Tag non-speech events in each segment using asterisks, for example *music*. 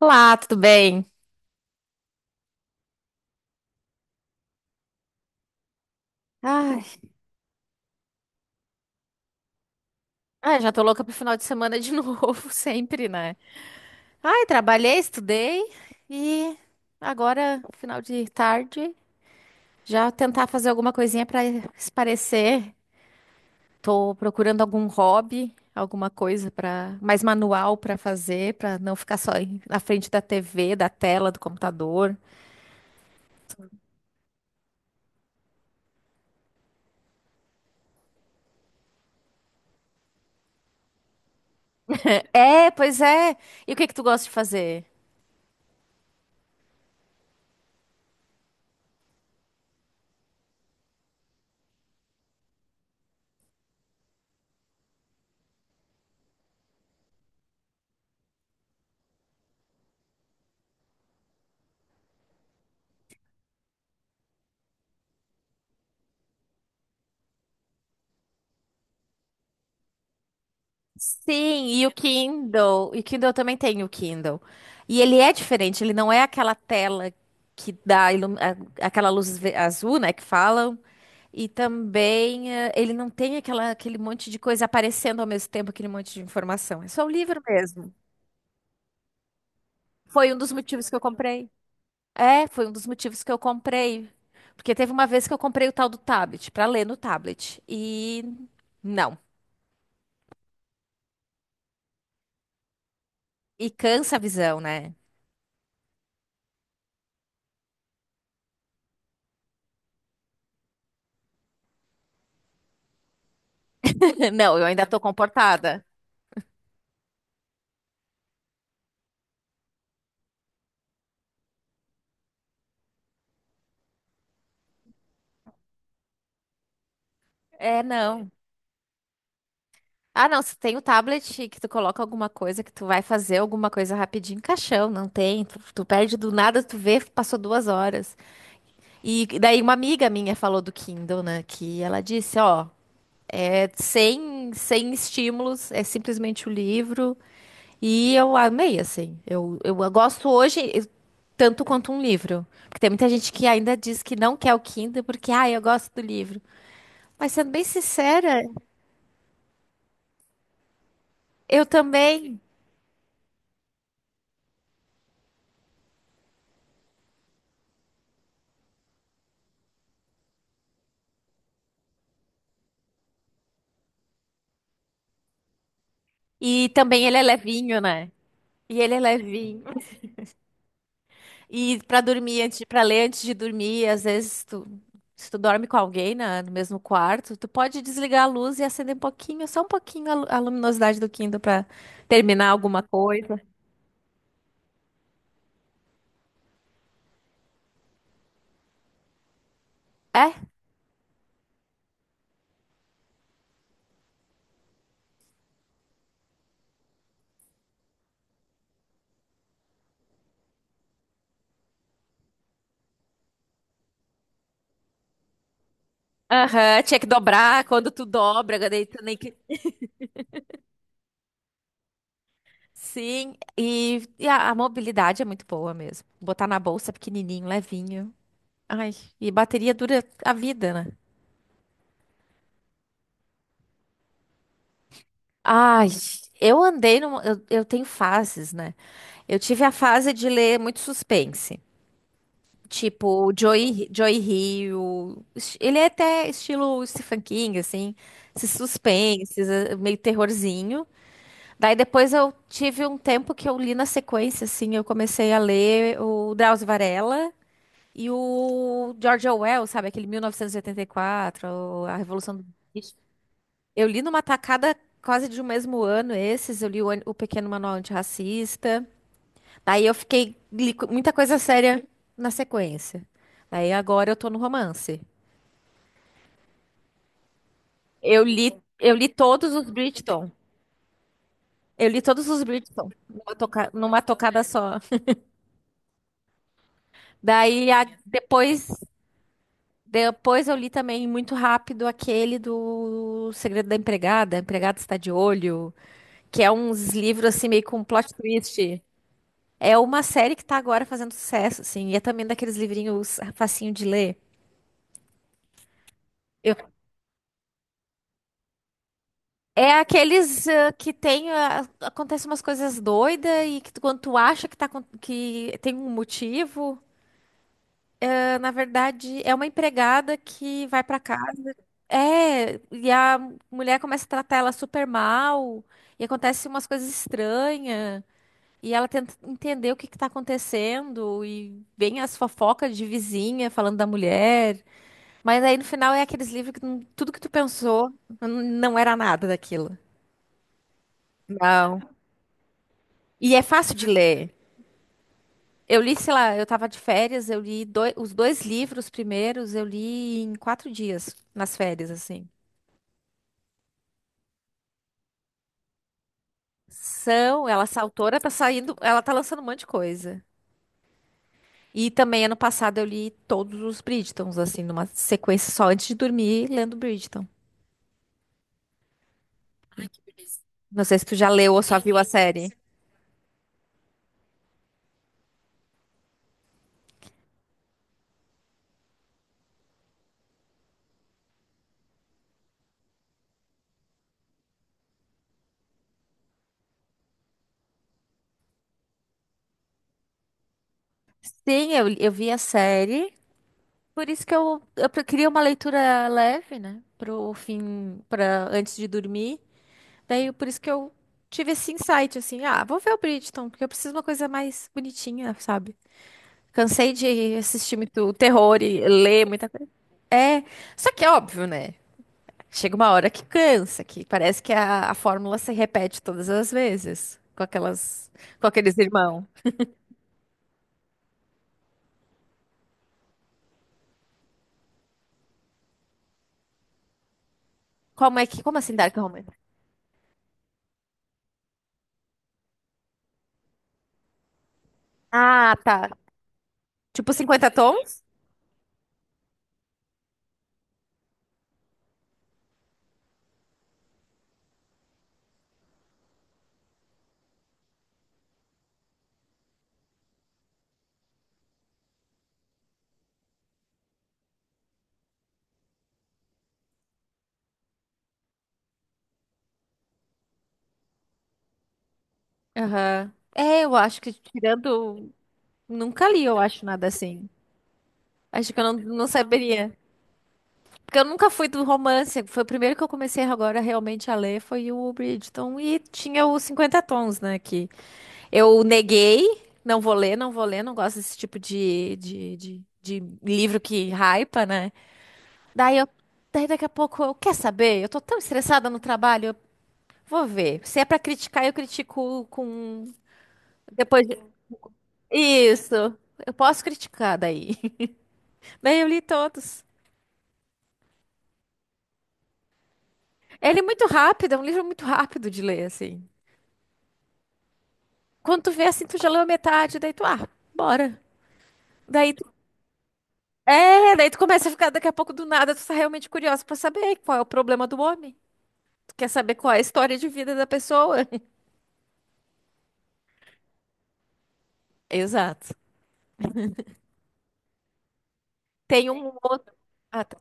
Olá, tudo bem? Ai, já tô louca pro final de semana de *laughs* novo, sempre, né? Ai, trabalhei, estudei e agora, final de tarde, já tentar fazer alguma coisinha pra espairecer. Tô procurando algum hobby, alguma coisa para mais manual pra fazer, pra não ficar só na frente da TV, da tela, do computador. É, pois é. E o que que tu gosta de fazer? Sim, e o Kindle. E o Kindle eu também tem o Kindle. E ele é diferente, ele não é aquela tela que dá aquela luz azul, né, que falam. E também ele não tem aquele monte de coisa aparecendo ao mesmo tempo, aquele monte de informação. É só o livro mesmo. Foi um dos motivos que eu comprei. É, foi um dos motivos que eu comprei. Porque teve uma vez que eu comprei o tal do tablet, pra ler no tablet. E não. E cansa a visão, né? *laughs* Não, eu ainda tô comportada. É, não. Ah, não, se tem o tablet que tu coloca alguma coisa, que tu vai fazer alguma coisa rapidinho, caixão, não tem. Tu perde do nada, tu vê, passou 2 horas. E daí uma amiga minha falou do Kindle, né? Que ela disse, ó, é sem estímulos, é simplesmente o livro. E eu amei, assim. Eu gosto hoje tanto quanto um livro. Porque tem muita gente que ainda diz que não quer o Kindle porque, ah, eu gosto do livro. Mas sendo bem sincera, eu também. E também ele é levinho, né? E ele é levinho. E pra dormir antes, ler antes de dormir, às vezes tu, se tu dorme com alguém no mesmo quarto, tu pode desligar a luz e acender um pouquinho, só um pouquinho a a luminosidade do Kindle pra terminar alguma coisa. É? Aham, tinha que dobrar quando tu dobra, daí tu nem que... Sim, e a mobilidade é muito boa mesmo. Botar na bolsa pequenininho, levinho. Ai, e bateria dura a vida, né? Ai, eu andei numa. Eu tenho fases, né? Eu tive a fase de ler muito suspense. Tipo, Joey Hill. Ele é até estilo Stephen King, assim. Esses suspenses, meio terrorzinho. Daí depois eu tive um tempo que eu li na sequência, assim. Eu comecei a ler o Drauzio Varela e o George Orwell, sabe? Aquele 1984, A Revolução do. Eu li numa tacada quase de um mesmo ano esses, eu li o Pequeno Manual Antirracista. Daí eu fiquei, li muita coisa séria na sequência. Daí agora eu tô no romance. Eu li, eu li todos os Bridgerton. Eu li todos os Bridgerton numa tocada só. Daí depois, depois eu li também muito rápido aquele do Segredo da Empregada, a Empregada Está de Olho, que é uns livros assim meio com plot twist. É uma série que tá agora fazendo sucesso, assim, e é também daqueles livrinhos facinho de ler. Eu- É aqueles que tem, ah, acontecem umas coisas doidas e que quando tu acha que, tá, que tem um motivo, ah, na verdade é uma empregada que vai pra casa. É, e a mulher começa a tratar ela super mal, e acontece umas coisas estranhas, e ela tenta entender o que que tá acontecendo, e vem as fofocas de vizinha falando da mulher. Mas aí no final é aqueles livros que tudo que tu pensou não era nada daquilo. Não. E é fácil de ler. Eu li, sei lá, eu tava de férias, eu li os dois livros primeiros, eu li em 4 dias, nas férias, assim. São, ela, essa autora tá saindo, ela tá lançando um monte de coisa. E também ano passado eu li todos os Bridgertons, assim, numa sequência só antes de dormir, lendo Bridgerton. Não sei se tu já leu ou só viu a série. Sim, eu vi a série. Por isso que eu, eu queria uma leitura leve, né? Pro fim, para antes de dormir. Daí, por isso que eu tive esse insight, assim, ah, vou ver o Bridgerton, porque eu preciso de uma coisa mais bonitinha, sabe? Cansei de assistir muito terror e ler muita coisa. É, só que é óbvio, né? Chega uma hora que cansa, que parece que a fórmula se repete todas as vezes com aquelas, com aqueles irmãos. Como é que, como assim, Dark Romance? Ah, tá. Tipo cinquenta tons? Aham. É, eu acho que tirando. Nunca li, eu acho, nada assim. Acho que eu não, não saberia. Porque eu nunca fui do romance. Foi o primeiro que eu comecei agora realmente a ler, foi o Bridgerton. E tinha os Cinquenta tons, né? Que eu neguei, não vou ler, não vou ler, não gosto desse tipo de livro que hypa, né? Daí eu. Daí daqui a pouco eu quer saber? Eu tô tão estressada no trabalho, eu vou ver. Se é pra criticar, eu critico com depois. Isso. Eu posso criticar daí. *laughs* Daí eu li todos. É, ele é muito rápido, é um livro muito rápido de ler, assim. Quando tu vê assim, tu já leu a metade, daí tu, ah, bora. Daí tu, é, daí tu começa a ficar daqui a pouco do nada, tu tá realmente curioso pra saber qual é o problema do homem. Tu quer saber qual é a história de vida da pessoa. *laughs* Exato. Tem um outro. Ah, tá.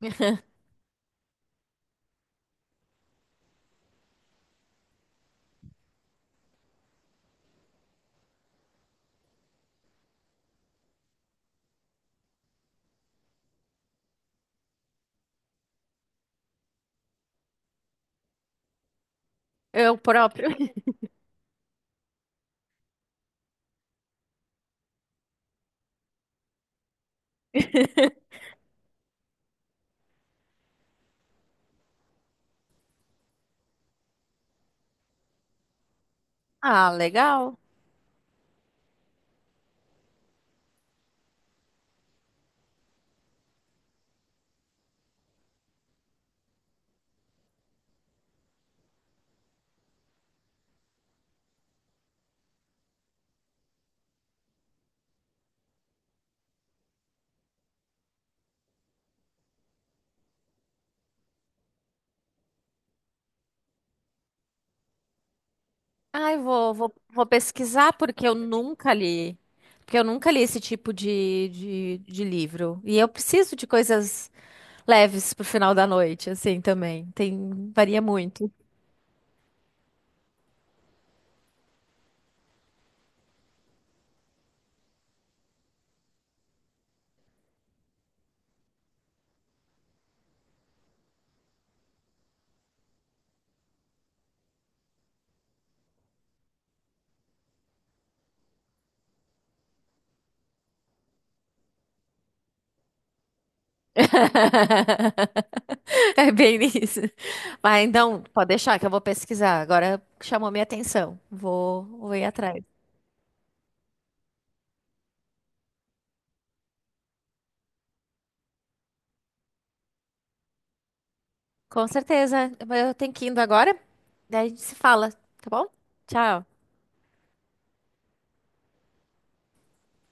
*laughs* É próprio. *laughs* Ah, legal. Ai, vou pesquisar porque eu nunca li. Porque eu nunca li esse tipo de livro. E eu preciso de coisas leves pro final da noite, assim, também. Tem, varia muito. *laughs* É bem isso. Mas então, pode deixar que eu vou pesquisar. Agora chamou minha atenção. Vou ir atrás. Com certeza. Eu tenho que ir indo agora. Daí a gente se fala, tá bom? Tchau.